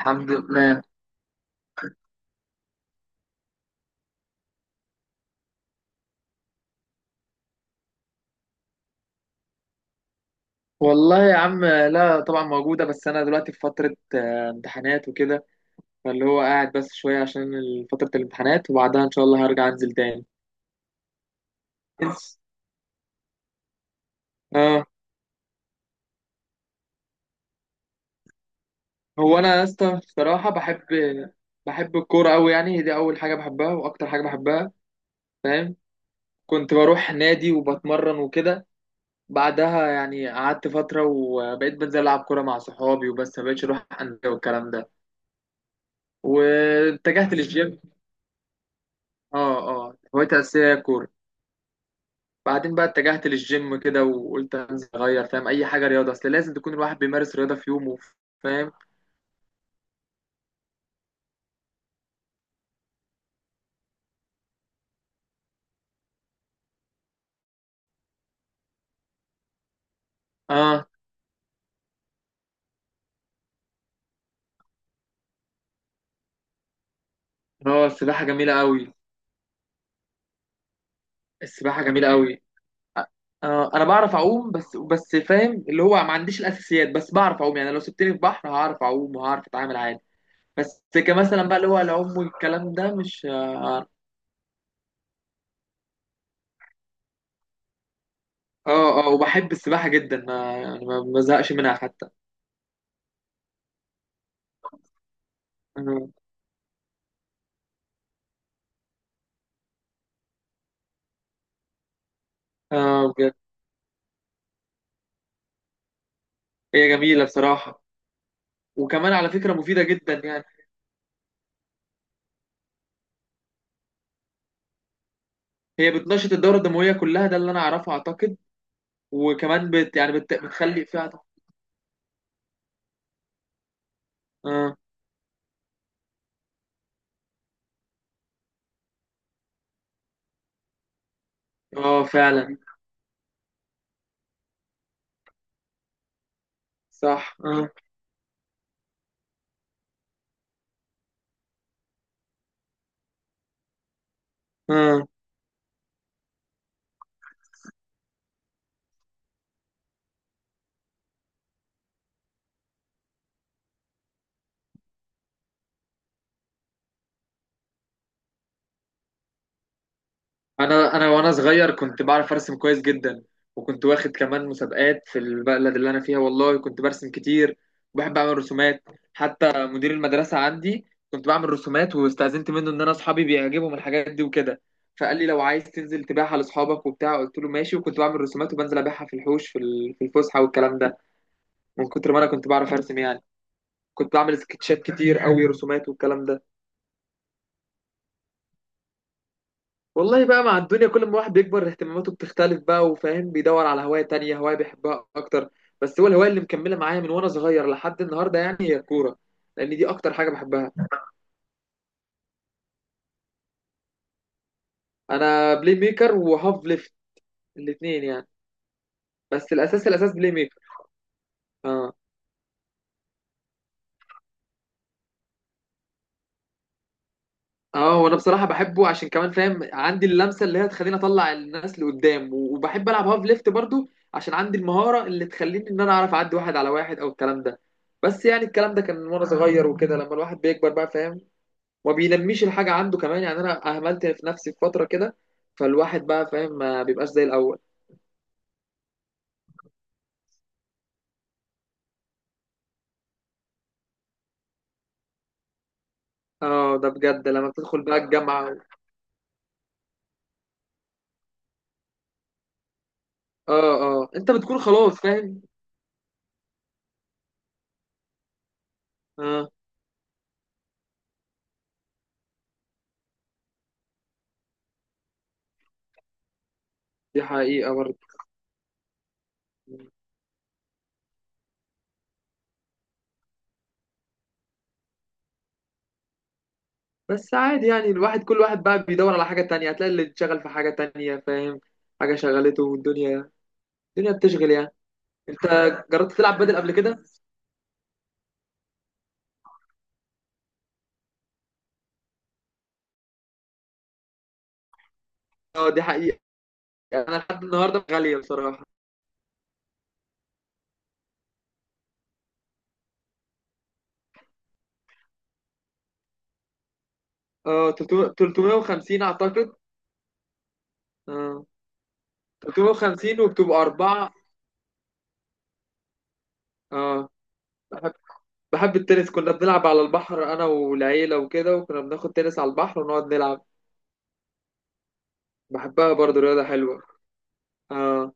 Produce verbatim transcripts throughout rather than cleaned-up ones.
الحمد لله. والله يا عم، لا طبعا موجودة. بس أنا دلوقتي في فترة آه، امتحانات وكده، فاللي هو قاعد بس شوية عشان ال- فترة الامتحانات، وبعدها إن شاء الله هرجع أنزل تاني. بس اه هو أنا يا اسطى بصراحة بحب بحب الكورة أوي. يعني هي دي أول حاجة بحبها وأكتر حاجة بحبها، فاهم. كنت بروح نادي وبتمرن وكده. بعدها يعني قعدت فترة وبقيت بنزل ألعب كورة مع صحابي وبس، ما بقتش أروح أندية والكلام ده، واتجهت للجيم. اه. اه، هوايتي الأساسية هي الكورة. بعدين بقى اتجهت للجيم كده وقلت انزل اغير، فاهم، اي حاجه رياضه، اصل لازم تكون الواحد بيمارس رياضه في يومه، فاهم. اه. اه، السباحه جميله قوي. السباحه جميله قوي. آه انا بعرف اعوم، بس بس فاهم اللي هو ما عنديش الاساسيات، بس بعرف اعوم. يعني لو سبتني في بحر هعرف اعوم وهعرف اتعامل عادي. بس كمثلا بقى اللي هو العوم والكلام ده مش اه اه آه، وبحب السباحه جدا. ما يعني ما ما بزهقش منها حتى. اه آه، بجد. هي جميله بصراحه، وكمان على فكره مفيده جدا يعني. هي بتنشط الدورة الدموية كلها، ده اللي أنا أعرفه أعتقد. وكمان بت يعني بت بتخلي فيها. آه. آه، فعلا. صح. آه. آه أنا أنا وأنا صغير كنت بعرف أرسم كويس جدا، وكنت واخد كمان مسابقات في البلد اللي أنا فيها. والله كنت برسم كتير وبحب أعمل رسومات. حتى مدير المدرسة عندي كنت بعمل رسومات، واستأذنت منه إن أنا أصحابي بيعجبهم الحاجات دي وكده، فقال لي لو عايز تنزل تبيعها لأصحابك وبتاع. قلت له ماشي، وكنت بعمل رسومات وبنزل أبيعها في الحوش، في ال- في الفسحة والكلام ده، من كتر ما انا كنت بعرف ارسم يعني. كنت بعمل سكتشات كتير قوي، رسومات والكلام ده. والله بقى مع الدنيا، كل ما الواحد بيكبر اهتماماته بتختلف بقى، وفاهم بيدور على هواية تانية، هواية بيحبها اكتر. بس هو الهواية اللي مكملة معايا من وانا صغير لحد النهاردة يعني هي الكورة، لان دي اكتر حاجة بحبها. انا بلاي ميكر وهاف ليفت، الاتنين يعني. بس الاساس الاساس بلاي ميكر. اه. اه، وانا بصراحه بحبه عشان كمان فاهم عندي اللمسه اللي هي تخليني اطلع الناس لقدام، و- وبحب العب هاف ليفت برضو عشان عندي المهاره اللي تخليني ان انا اعرف اعدي واحد على واحد او الكلام ده. بس يعني الكلام ده كان وانا صغير وكده، لما الواحد بيكبر بقى، فاهم، ما بينميش الحاجه عنده كمان. يعني انا اهملت في نفسي في فتره كده، فالواحد بقى فاهم ما بيبقاش زي الاول. اه، ده بجد لما بتدخل بقى الجامعه. اه. اه، انت بتكون خلاص فاهم. اه، دي حقيقه برضو. بس عادي يعني الواحد، كل واحد بقى بيدور على حاجة تانية، هتلاقي اللي اتشغل في حاجة تانية، فاهم، حاجة شغلته. والدنيا، الدنيا بتشغل يعني. انت جربت تلعب بدل قبل كده؟ اه، دي حقيقة. انا لحد النهاردة غالية بصراحة. اه، ثلاثمائة وخمسين اعتقد. اه، ثلاثمائة وخمسين وبتبقى أربعة. اه، بحب بحب التنس. كنا بنلعب على البحر انا والعيلة وكده، وكنا بناخد تنس على البحر ونقعد نلعب. بحبها برضه، رياضة حلوة. اه،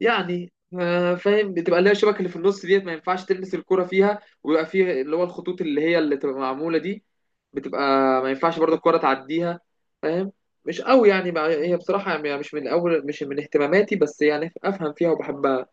يعني آه، فاهم بتبقى اللي هي الشبكه اللي في النص، ديت ما ينفعش تلمس الكرة فيها، ويبقى فيه اللي هو الخطوط اللي هي اللي تبقى معمولة دي. بتبقى، ما ينفعش برضه الكرة تعديها، فاهم. مش قوي يعني بقى- هي بصراحة يعني مش من أول، مش من اهتماماتي، بس يعني أفهم فيها وبحبها.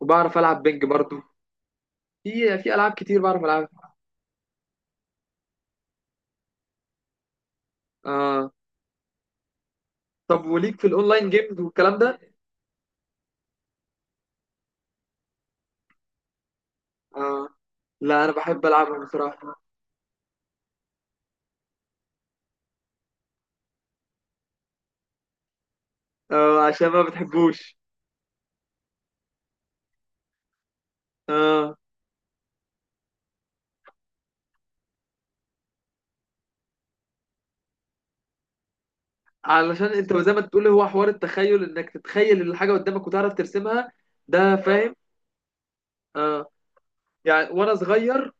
وبعرف ألعب بينج برضه. في في ألعاب كتير بعرف ألعبها. آه، طب وليك في الأونلاين جيمز والكلام ده؟ آه، لا أنا بحب ألعبها بصراحة. آه، عشان ما بتحبوش. اه، علشان انت زي ما تقول هو حوار التخيل، انك تتخيل الحاجه قدامك وتعرف ترسمها، ده فاهم. اه، يعني وانا صغير،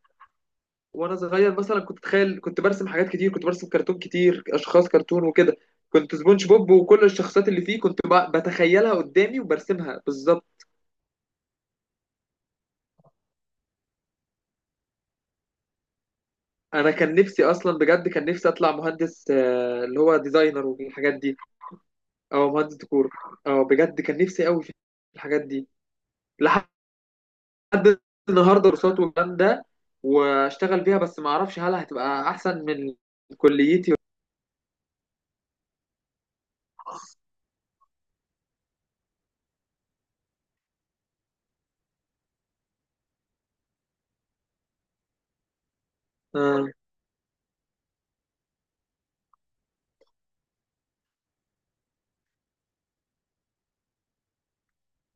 وانا صغير مثلا كنت اتخيل، كنت برسم حاجات كتير، كنت برسم كرتون كتير، اشخاص كرتون وكده. كنت سبونج بوب وكل الشخصيات اللي فيه كنت ب- بتخيلها قدامي وبرسمها بالظبط. انا كان نفسي اصلا بجد، كان نفسي اطلع مهندس، آه، اللي هو ديزاينر والحاجات دي، او مهندس ديكور. اه بجد كان نفسي قوي في الحاجات دي لحد النهارده، كورسات والكلام ده، واشتغل بيها، بس ما اعرفش هل هتبقى احسن من كليتي. آه.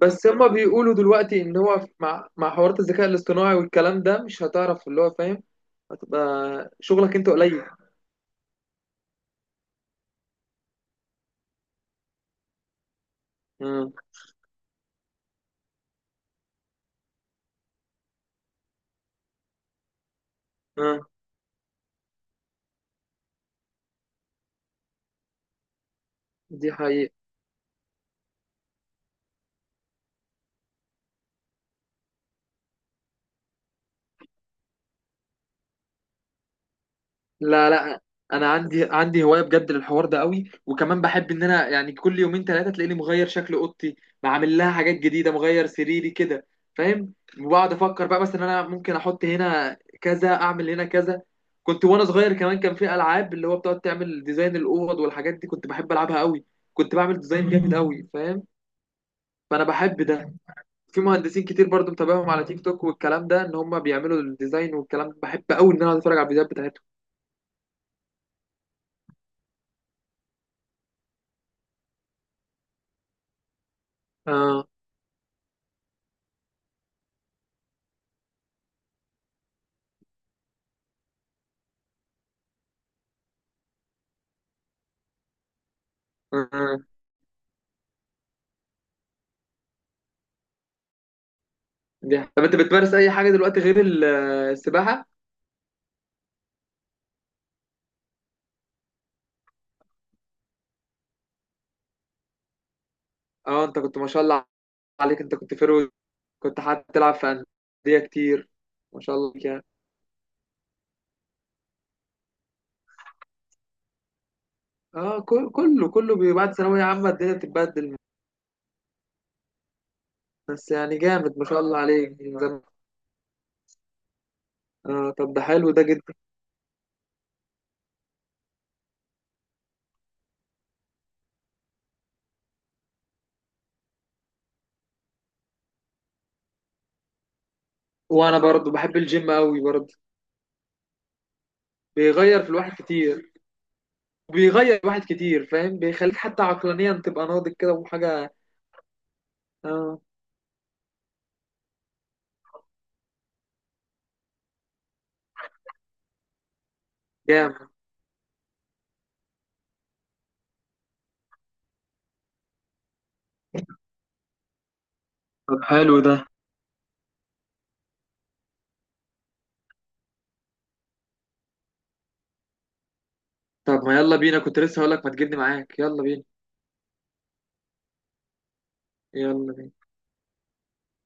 بس هما بيقولوا دلوقتي ان هو مع مع حوارات الذكاء الاصطناعي والكلام ده مش هتعرف اللي هو فاهم، هتبقى شغلك انت قليل. آه. آه. دي حقيقة. لا لا، انا عندي عندي هوايه بجد للحوار ده قوي، وكمان بحب ان انا يعني كل يومين ثلاثه تلاقيني مغير شكل اوضتي، بعمل لها حاجات جديده، مغير سريري كده، فاهم. وبقعد افكر بقى مثلا، انا ممكن احط هنا كذا، اعمل هنا كذا. كنت وانا صغير كمان كان في العاب اللي هو بتقعد تعمل ديزاين الاوض والحاجات دي، كنت بحب العبها قوي. كنت بعمل ديزاين جامد قوي، فاهم. فانا بحب ده. في مهندسين كتير برضو متابعهم على تيك توك والكلام ده، ان هم بيعملوا الديزاين والكلام ده، بحب قوي ان انا أقعد اتفرج على الفيديوهات بتاعتهم. اه. آه. دي. طب انت بتمارس اي حاجه دلوقتي غير ال- السباحه؟ اه، انت كنت ما شاء الله عليك، انت كنت فرو كنت حتى تلعب في انديه كتير، ما شاء الله عليك يعني. اه، كل- كله كله بي- بعد ثانويه عامه الدنيا بتتبدل. بس يعني جامد، ما شاء الله عليك من زمان. اه، طب ده حلو ده جدا. وانا برضو بحب الجيم قوي برضو. بيغير في الواحد كتير. بيغير الواحد كتير، فاهم، بيخليك حتى عقلانيا تبقى ناضج كده وحاجه. اه جامد. طب حلو ده. طب ما يلا بينا، كنت لسه هقول لك ما تجيبني معاك، يلا بينا. يلا بينا.